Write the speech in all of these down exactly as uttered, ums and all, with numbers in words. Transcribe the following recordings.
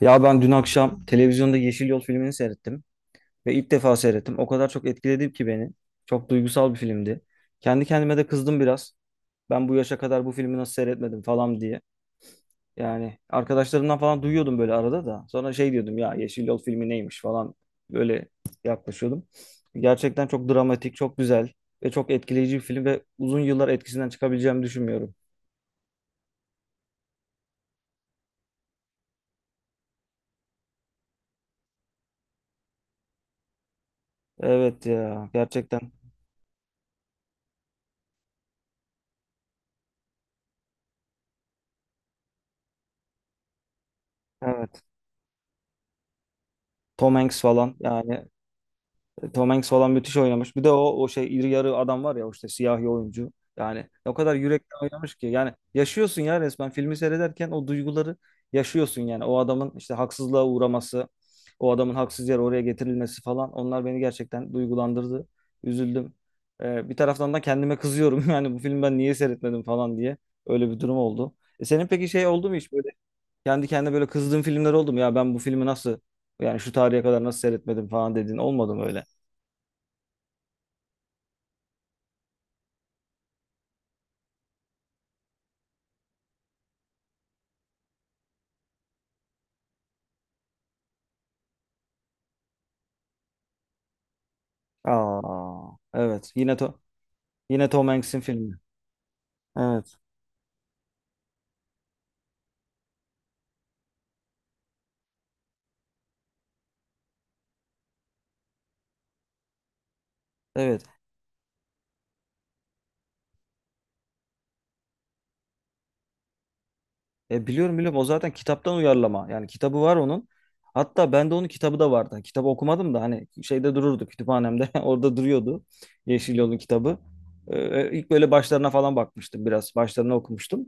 Ya ben dün akşam televizyonda Yeşil Yol filmini seyrettim ve ilk defa seyrettim. O kadar çok etkiledi ki beni. Çok duygusal bir filmdi. Kendi kendime de kızdım biraz. Ben bu yaşa kadar bu filmi nasıl seyretmedim falan diye. Yani arkadaşlarımdan falan duyuyordum böyle arada da. Sonra şey diyordum ya Yeşil Yol filmi neymiş falan böyle yaklaşıyordum. Gerçekten çok dramatik, çok güzel ve çok etkileyici bir film ve uzun yıllar etkisinden çıkabileceğimi düşünmüyorum. Evet ya, gerçekten. Evet. Tom Hanks falan, yani Tom Hanks falan müthiş oynamış. Bir de o o şey, iri yarı adam var ya, o işte siyahi oyuncu. Yani o kadar yürekten oynamış ki, yani yaşıyorsun ya resmen, filmi seyrederken o duyguları yaşıyorsun yani. O adamın işte haksızlığa uğraması, o adamın haksız yere oraya getirilmesi falan, onlar beni gerçekten duygulandırdı. Üzüldüm. Ee, bir taraftan da kendime kızıyorum yani bu filmi ben niye seyretmedim falan diye. Öyle bir durum oldu. E senin peki şey oldu mu hiç böyle kendi kendine böyle kızdığın filmler oldu mu? Ya ben bu filmi nasıl, yani şu tarihe kadar nasıl seyretmedim falan dediğin olmadı mı öyle? Aa, evet. Yine to yine Tom Hanks'in filmi. Evet. Evet. E, biliyorum, biliyorum, o zaten kitaptan uyarlama. Yani kitabı var onun. Hatta bende onun kitabı da vardı. Hani Kitabı okumadım da hani şeyde dururdu kütüphanemde. Orada duruyordu. Yeşil Yol'un kitabı. E, e, ilk böyle başlarına falan bakmıştım biraz. Başlarına okumuştum.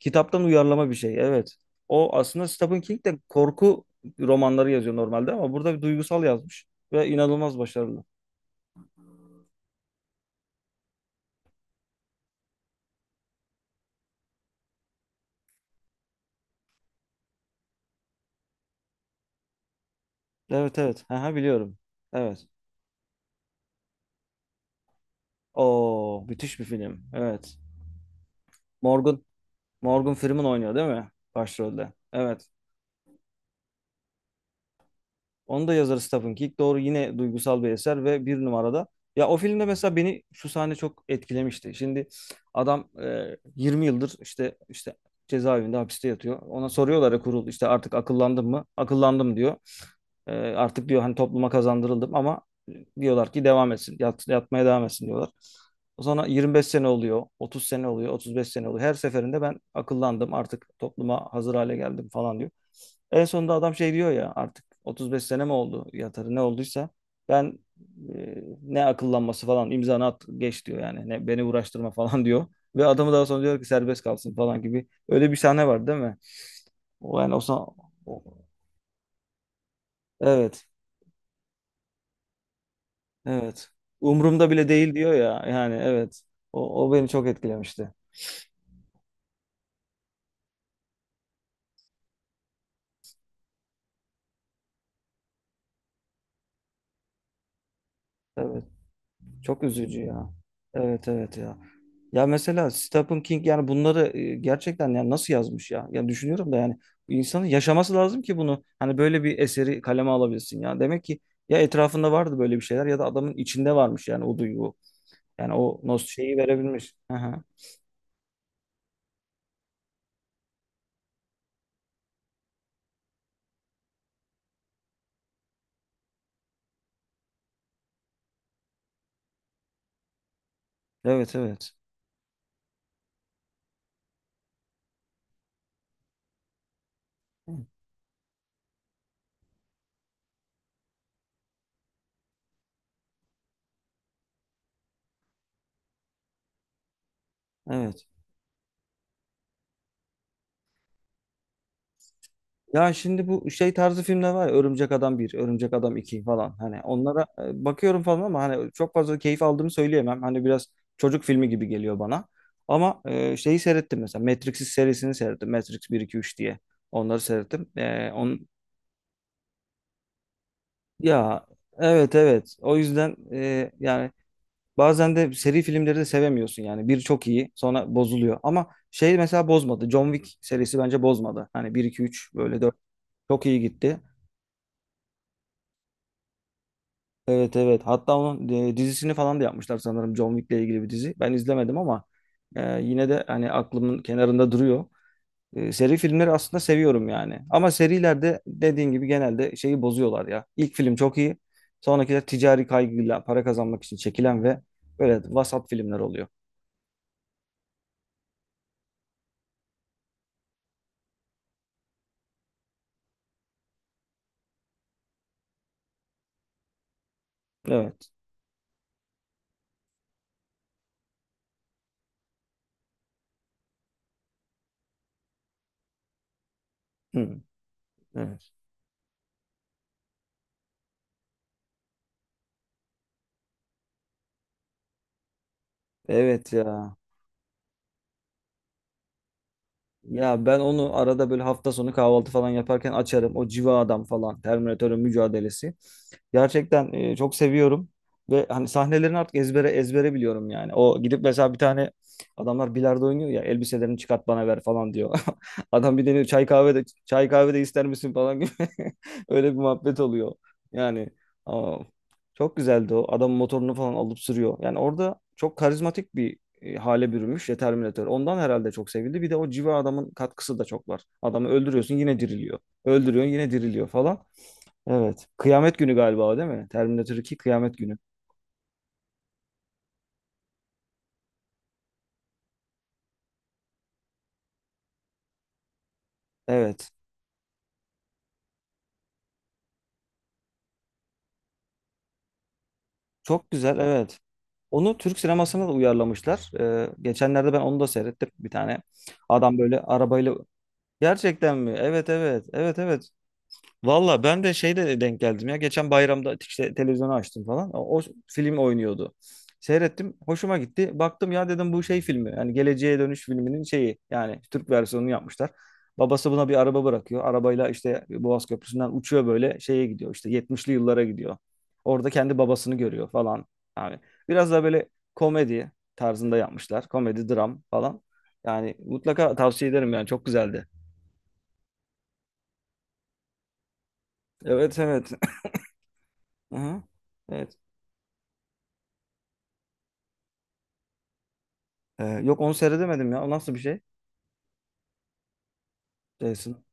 Kitaptan uyarlama bir şey. Evet. O aslında Stephen King de korku romanları yazıyor normalde, ama burada bir duygusal yazmış ve inanılmaz başarılı. Evet, evet. Aha, biliyorum. Evet. Oo, müthiş bir film. Evet. Morgan Morgan Freeman oynuyor değil mi? Başrolde. Evet. Onu da yazarı Stephen King. Doğru, yine duygusal bir eser ve bir numarada. Ya o filmde mesela beni şu sahne çok etkilemişti. Şimdi adam e, yirmi yıldır işte işte cezaevinde, hapiste yatıyor. Ona soruyorlar ya kurul, işte artık akıllandın mı? Akıllandım diyor. E, artık diyor hani topluma kazandırıldım, ama diyorlar ki devam etsin. Yat, yatmaya devam etsin diyorlar. O sonra yirmi beş sene oluyor, otuz sene oluyor, otuz beş sene oluyor. Her seferinde ben akıllandım, artık topluma hazır hale geldim falan diyor. En sonunda adam şey diyor ya, artık otuz beş sene mi oldu yatarı ne olduysa ben e, ne akıllanması falan, imzanı at geç diyor yani, ne beni uğraştırma falan diyor ve adamı daha sonra diyor ki serbest kalsın falan gibi, öyle bir sahne var değil mi? O yani o, sa- o- Evet, evet, umurumda bile değil diyor ya yani. Evet, o, o beni çok etkilemişti. Evet. Çok üzücü ya. Evet, evet ya. Ya mesela Stephen King, yani bunları e, gerçekten yani nasıl yazmış ya? Ya düşünüyorum da yani bu insanın yaşaması lazım ki bunu hani böyle bir eseri kaleme alabilsin ya. Demek ki ya etrafında vardı böyle bir şeyler, ya da adamın içinde varmış yani o duygu. Yani o nos şeyi verebilmiş. Aha. Evet, evet. Evet. Ya şimdi bu şey tarzı filmler var ya, Örümcek Adam bir, Örümcek Adam iki falan, hani onlara e, bakıyorum falan ama hani çok fazla keyif aldığımı söyleyemem. Hani biraz çocuk filmi gibi geliyor bana. Ama e, şeyi seyrettim mesela, Matrix serisini seyrettim. Matrix bir iki üç diye. Onları seyrettim. E, on Ya, evet, evet. O yüzden e, yani bazen de seri filmleri de sevemiyorsun yani. Bir çok iyi, sonra bozuluyor. Ama şey mesela bozmadı. John Wick serisi bence bozmadı. Hani bir iki üç böyle dört, çok iyi gitti. Evet, evet. Hatta onun e, dizisini falan da yapmışlar sanırım, John Wick'le ilgili bir dizi. Ben izlemedim ama e, yine de hani aklımın kenarında duruyor. E, seri filmleri aslında seviyorum yani. Ama serilerde dediğin gibi genelde şeyi bozuyorlar ya. İlk film çok iyi. Sonrakiler ticari kaygıyla para kazanmak için çekilen ve böyle vasat filmler oluyor. Evet. Hı, evet. Evet ya. Ya ben onu arada böyle hafta sonu kahvaltı falan yaparken açarım. O Civa Adam falan, Terminatörün mücadelesi. Gerçekten e, çok seviyorum. Ve hani sahnelerini artık ezbere ezbere biliyorum yani. O gidip mesela bir tane, adamlar bilardo oynuyor ya, elbiselerini çıkart bana ver falan diyor. Adam bir deniyor, çay kahve de çay kahve de ister misin falan gibi. Öyle bir muhabbet oluyor. Yani aa, çok güzeldi o. Adam motorunu falan alıp sürüyor. Yani orada çok karizmatik bir e, hale bürümüş ya Terminator. Ondan herhalde çok sevildi. Bir de o civa adamın katkısı da çok var. Adamı öldürüyorsun yine diriliyor. Öldürüyorsun yine diriliyor falan. Evet. Kıyamet günü galiba o değil mi? Terminator iki Kıyamet günü. Evet. Çok güzel, evet. Onu Türk sinemasına da uyarlamışlar. Ee, geçenlerde ben onu da seyrettim bir tane. Adam böyle arabayla. Gerçekten mi? Evet, evet. Evet, evet. Valla ben de şeyde denk geldim ya. Geçen bayramda işte televizyonu açtım falan. O, o film oynuyordu. Seyrettim. Hoşuma gitti. Baktım ya dedim bu şey filmi. Yani Geleceğe Dönüş filminin şeyi. Yani Türk versiyonunu yapmışlar. Babası buna bir araba bırakıyor. Arabayla işte Boğaz Köprüsü'nden uçuyor, böyle şeye gidiyor. İşte yetmişli yıllara gidiyor. Orada kendi babasını görüyor falan. Yani biraz da böyle komedi tarzında yapmışlar. Komedi, dram falan. Yani mutlaka tavsiye ederim, yani çok güzeldi. Evet, evet. Hı hı. Evet. Ee, yok, onu seyredemedim ya. O nasıl bir şey? Jason.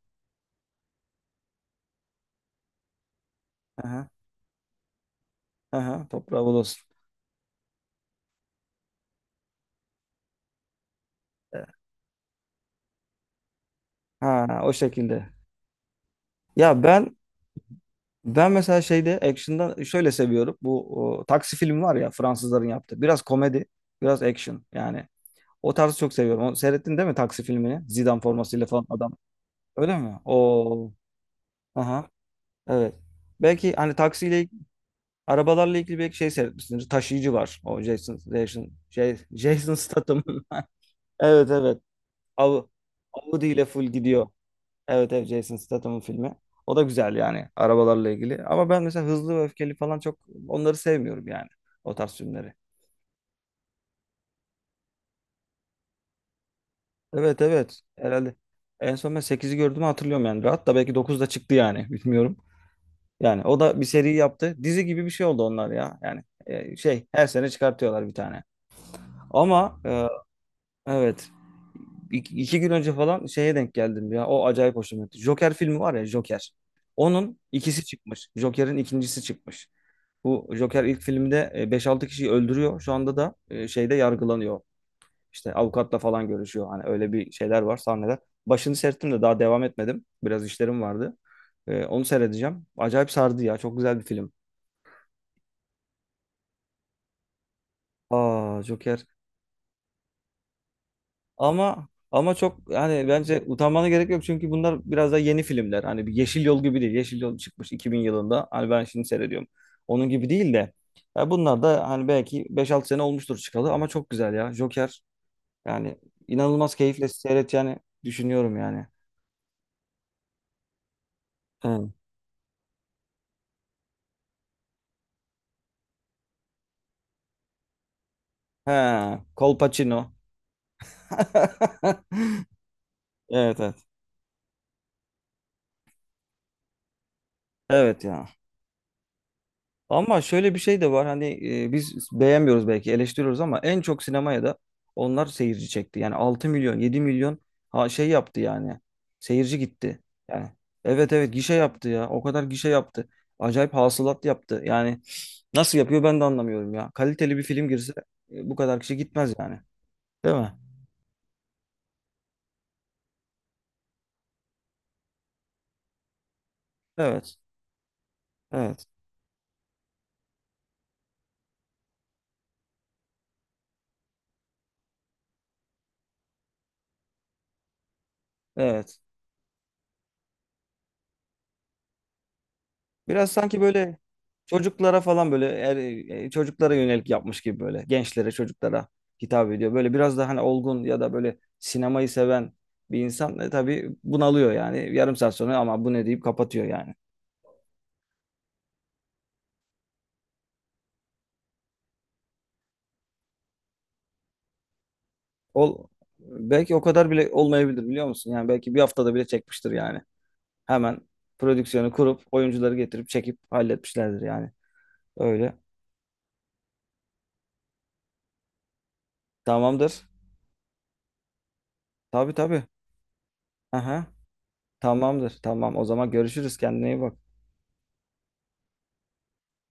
Aha, aha, toprağı bol olsun. Ee, Ha, o şekilde. Ya ben ben mesela şeyde, action'da şöyle seviyorum. Bu o, taksi filmi var ya Fransızların yaptığı. Biraz komedi, biraz action yani. O tarzı çok seviyorum. Onu seyrettin değil mi taksi filmini? Zidane formasıyla falan adam. Öyle mi? O, aha, evet. Belki hani taksiyle, arabalarla ilgili belki şey seyretmişsindir. Taşıyıcı var. O Jason Jason Jay- Jason Statham. Evet, evet. Av, Audi ile full gidiyor. Evet, evet, Jason Statham'ın filmi. O da güzel yani arabalarla ilgili. Ama ben mesela hızlı ve öfkeli falan, çok onları sevmiyorum yani. O tarz filmleri. Evet, evet, herhalde. En son ben sekizi gördüğümü hatırlıyorum yani. Hatta belki dokuz da çıktı yani bilmiyorum. Yani o da bir seri yaptı. Dizi gibi bir şey oldu onlar ya. Yani e, şey, her sene çıkartıyorlar bir tane. Ama e, evet. İki, iki gün önce falan şeye denk geldim ya. O acayip hoşuma gitti. Joker filmi var ya, Joker. Onun ikisi çıkmış. Joker'in ikincisi çıkmış. Bu Joker ilk filmde e, beş altı kişiyi öldürüyor. Şu anda da e, şeyde yargılanıyor. İşte avukatla falan görüşüyor. Hani öyle bir şeyler var, sahneler. Başını seyrettim de daha devam etmedim. Biraz işlerim vardı. E, Onu seyredeceğim. Acayip sardı ya. Çok güzel bir film. Aa, Joker. Ama ama çok yani, bence utanmana gerek yok çünkü bunlar biraz da yeni filmler. Hani bir Yeşil Yol gibi değil. Yeşil Yol çıkmış iki bin yılında. Hani ben şimdi seyrediyorum. Onun gibi değil de ya, bunlar da hani belki beş altı sene olmuştur çıkalı, ama çok güzel ya. Joker, yani inanılmaz keyifle seyredeceğini düşünüyorum yani. He. He, Col Pacino. Evet, evet. Evet ya. Ama şöyle bir şey de var hani, e, biz beğenmiyoruz belki, eleştiriyoruz ama en çok sinemaya da onlar seyirci çekti. Yani altı milyon, yedi milyon, ha, şey yaptı yani, seyirci gitti. Yani evet, evet, gişe yaptı ya, o kadar gişe yaptı. Acayip hasılat yaptı. Yani nasıl yapıyor ben de anlamıyorum ya. Kaliteli bir film girse e, bu kadar kişi gitmez yani. Değil mi? Evet. Evet. Evet. Biraz sanki böyle çocuklara falan, böyle er, e, çocuklara yönelik yapmış gibi, böyle gençlere, çocuklara hitap ediyor. Böyle biraz daha hani olgun, ya da böyle sinemayı seven bir insan e, tabii bunalıyor yani yarım saat sonra, ama bu ne deyip kapatıyor yani. Ol, Belki o kadar bile olmayabilir, biliyor musun? Yani belki bir haftada bile çekmiştir yani. Hemen prodüksiyonu kurup oyuncuları getirip çekip halletmişlerdir yani. Öyle. Tamamdır. Tabii, tabii. Aha. Tamamdır. Tamam. O zaman görüşürüz. Kendine iyi bak.